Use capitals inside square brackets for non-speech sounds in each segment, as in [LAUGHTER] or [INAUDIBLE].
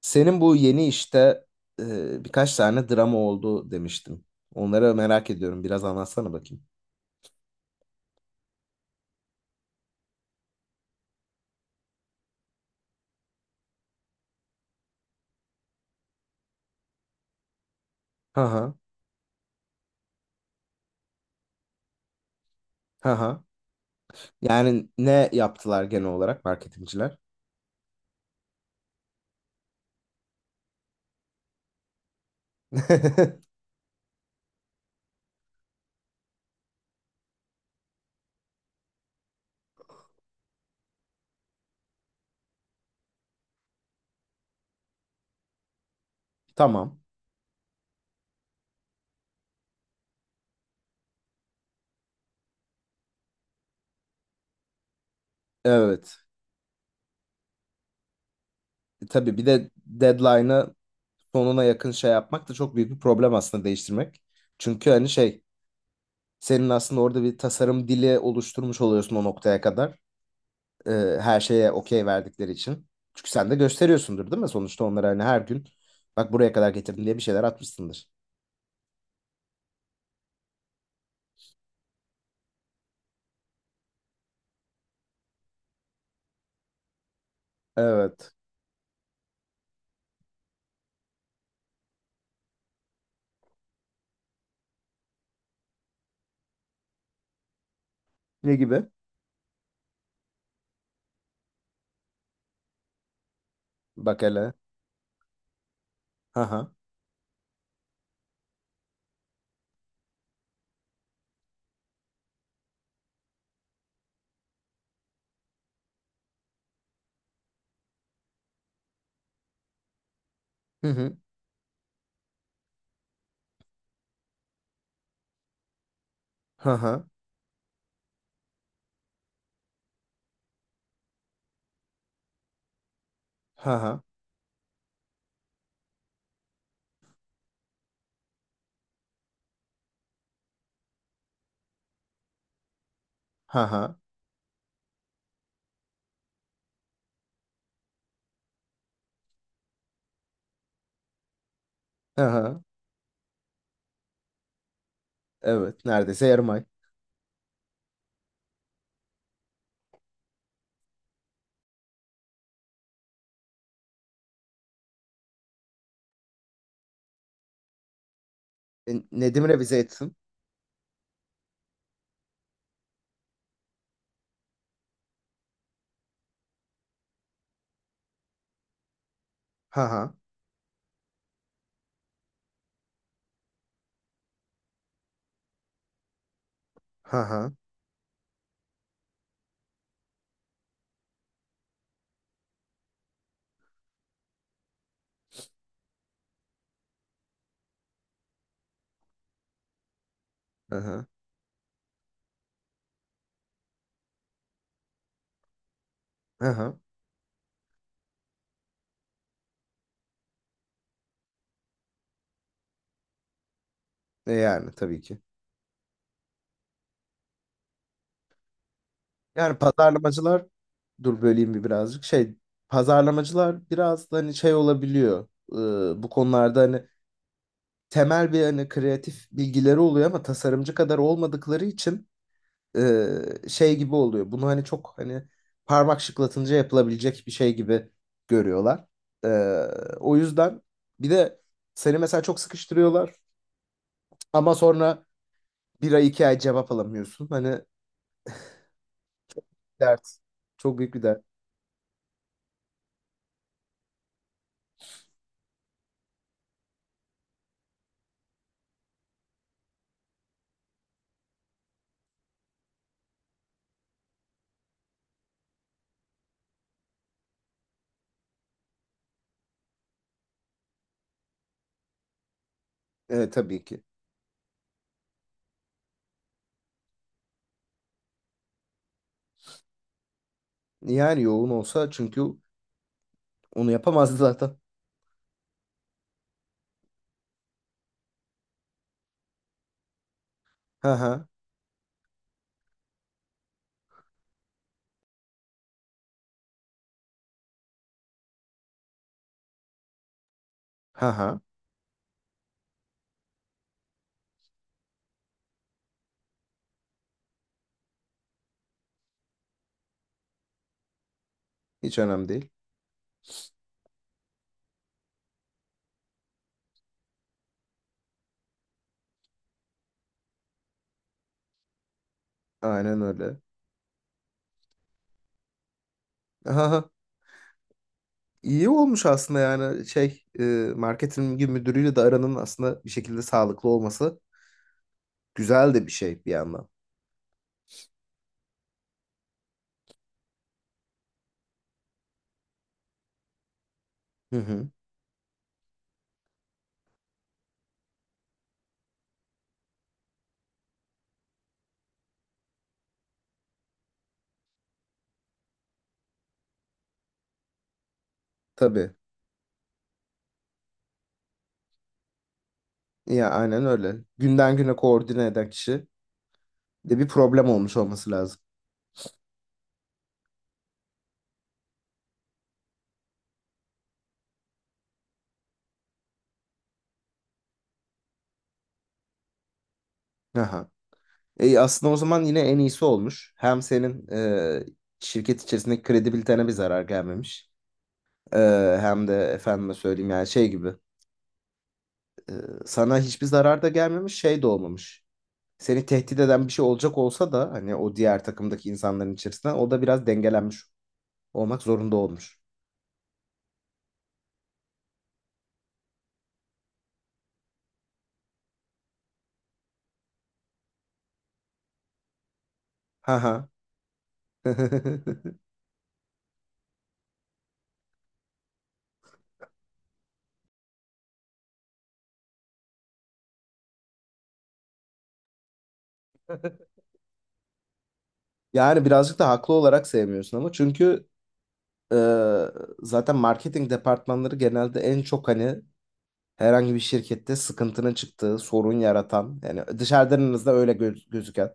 Senin bu yeni işte birkaç tane drama oldu demiştin. Onları merak ediyorum. Biraz anlatsana bakayım. Ha ha. Ha ha. Yani ne yaptılar genel olarak marketingciler? [LAUGHS] Tamam. Evet. Tabii bir de deadline'a sonuna yakın şey yapmak da çok büyük bir problem aslında, değiştirmek. Çünkü hani şey, senin aslında orada bir tasarım dili oluşturmuş oluyorsun o noktaya kadar. Ee, her şeye okey verdikleri için. Çünkü sen de gösteriyorsundur değil mi? Sonuçta onlara hani her gün bak buraya kadar getirdim diye bir şeyler atmışsındır. Evet. Ne gibi? Bak hele. Ha ha. Hı hı. Ha ha. Ha ha. Ha ha. Ha ha. Evet. Neredeyse yarım ay. Nedim revize etsin. Ha ha. Ha ha. Ha ha. Ha ha. Yani tabii ki. Yani pazarlamacılar, dur böleyim bir birazcık şey, pazarlamacılar biraz da hani şey olabiliyor. Bu konularda hani temel bir hani kreatif bilgileri oluyor ama tasarımcı kadar olmadıkları için e, şey gibi oluyor. Bunu hani çok hani parmak şıklatınca yapılabilecek bir şey gibi görüyorlar. Ee, o yüzden bir de seni mesela çok sıkıştırıyorlar ama sonra bir ay iki ay cevap alamıyorsun. Hani dert, çok büyük bir dert. Evet, tabii ki. Yani yoğun olsa çünkü onu yapamazdı [LAUGHS] zaten. Ha ha. Ha ha. Hiç önemli değil. Aynen öyle. Ha ha. İyi olmuş aslında, yani şey, marketing müdürüyle de aranın aslında bir şekilde sağlıklı olması güzel de bir şey bir yandan. Hı hı. Tabii. Ya aynen öyle. Günden güne koordine eden kişi de bir problem olmuş olması lazım. Aha. Aslında o zaman yine en iyisi olmuş. Hem senin şirket içerisindeki kredibilitene bir zarar gelmemiş. Hem de efendime söyleyeyim yani şey gibi, e, sana hiçbir zarar da gelmemiş, şey de olmamış. Seni tehdit eden bir şey olacak olsa da hani, o diğer takımdaki insanların içerisinden o da biraz dengelenmiş olmak zorunda olmuş. Ha. [LAUGHS] Yani birazcık da haklı olarak sevmiyorsun ama, çünkü e, zaten marketing departmanları genelde en çok hani herhangi bir şirkette sıkıntının çıktığı, sorun yaratan, yani dışarıdan en azından öyle gözüken.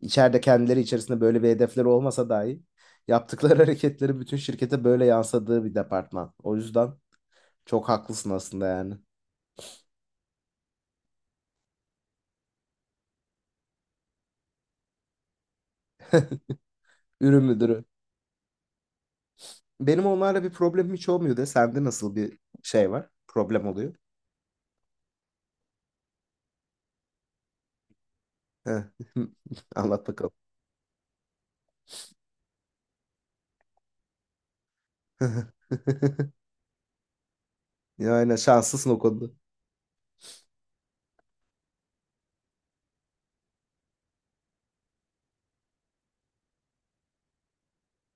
İçeride kendileri içerisinde böyle bir hedefleri olmasa dahi yaptıkları [LAUGHS] hareketleri bütün şirkete böyle yansıdığı bir departman. O yüzden çok haklısın aslında yani. Ürün müdürü. Benim onlarla bir problemim hiç olmuyor de. Sende nasıl bir şey var? Problem oluyor. Heh. [LAUGHS] Anlat bakalım. [LAUGHS] Yani şanslısın o konuda.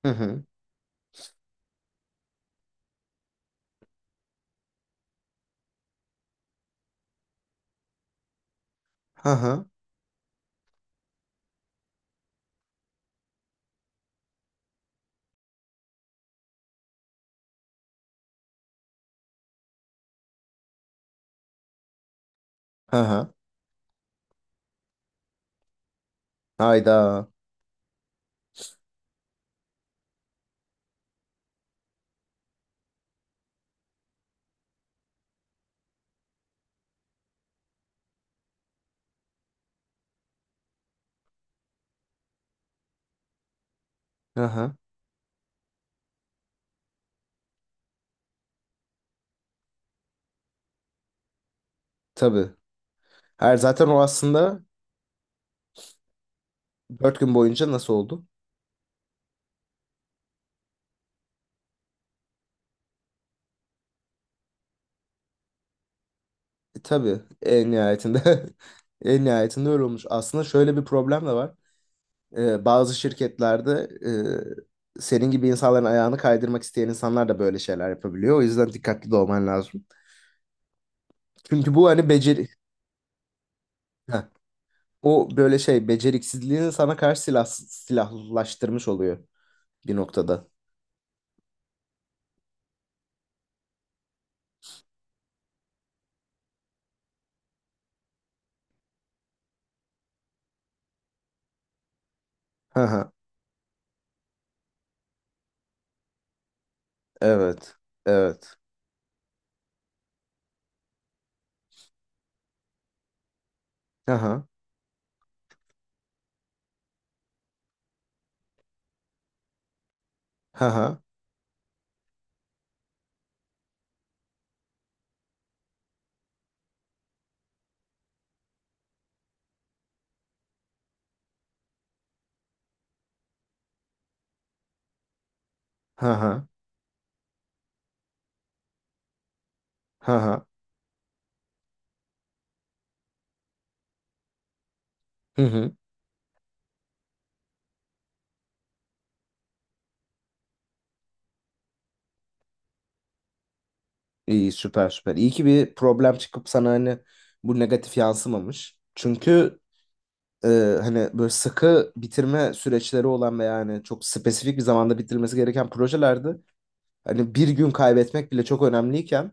Hı hı. Hı hı. Hı hı. Hayda. Hı hı. Tabii. Her zaten o aslında dört gün boyunca nasıl oldu? Tabii, en nihayetinde. [LAUGHS] En nihayetinde öyle olmuş. Aslında şöyle bir problem de var. Bazı şirketlerde senin gibi insanların ayağını kaydırmak isteyen insanlar da böyle şeyler yapabiliyor. O yüzden dikkatli de olman lazım. Çünkü bu hani beceri. Heh. O böyle şey, beceriksizliğini sana karşı silahlaştırmış oluyor bir noktada. Hı hı. Evet. Evet. Hı hı. Hı hı. Hı hı. Hı hı. Hı hı. İyi, süper süper. İyi ki bir problem çıkıp sana hani bu negatif yansımamış. Çünkü e, hani böyle sıkı bitirme süreçleri olan ve yani çok spesifik bir zamanda bitirmesi gereken projelerde hani bir gün kaybetmek bile çok önemliyken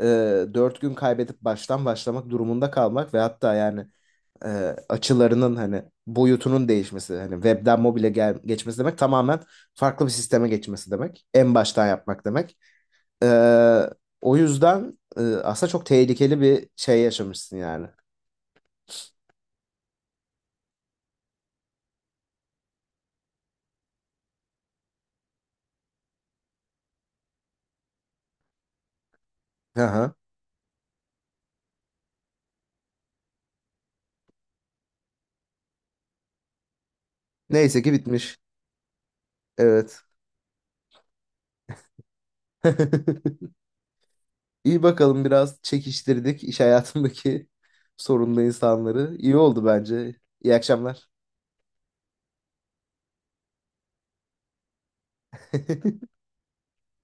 e, dört gün kaybedip baştan başlamak durumunda kalmak ve hatta yani e, açılarının hani boyutunun değişmesi, hani webden mobile geçmesi demek, tamamen farklı bir sisteme geçmesi demek. En baştan yapmak demek. Ee, o yüzden aslında çok tehlikeli bir şey yaşamışsın yani. Aha. Neyse ki bitmiş. Evet. [LAUGHS] İyi bakalım, biraz çekiştirdik iş hayatındaki [LAUGHS] sorunlu insanları. İyi oldu bence. İyi akşamlar. [LAUGHS]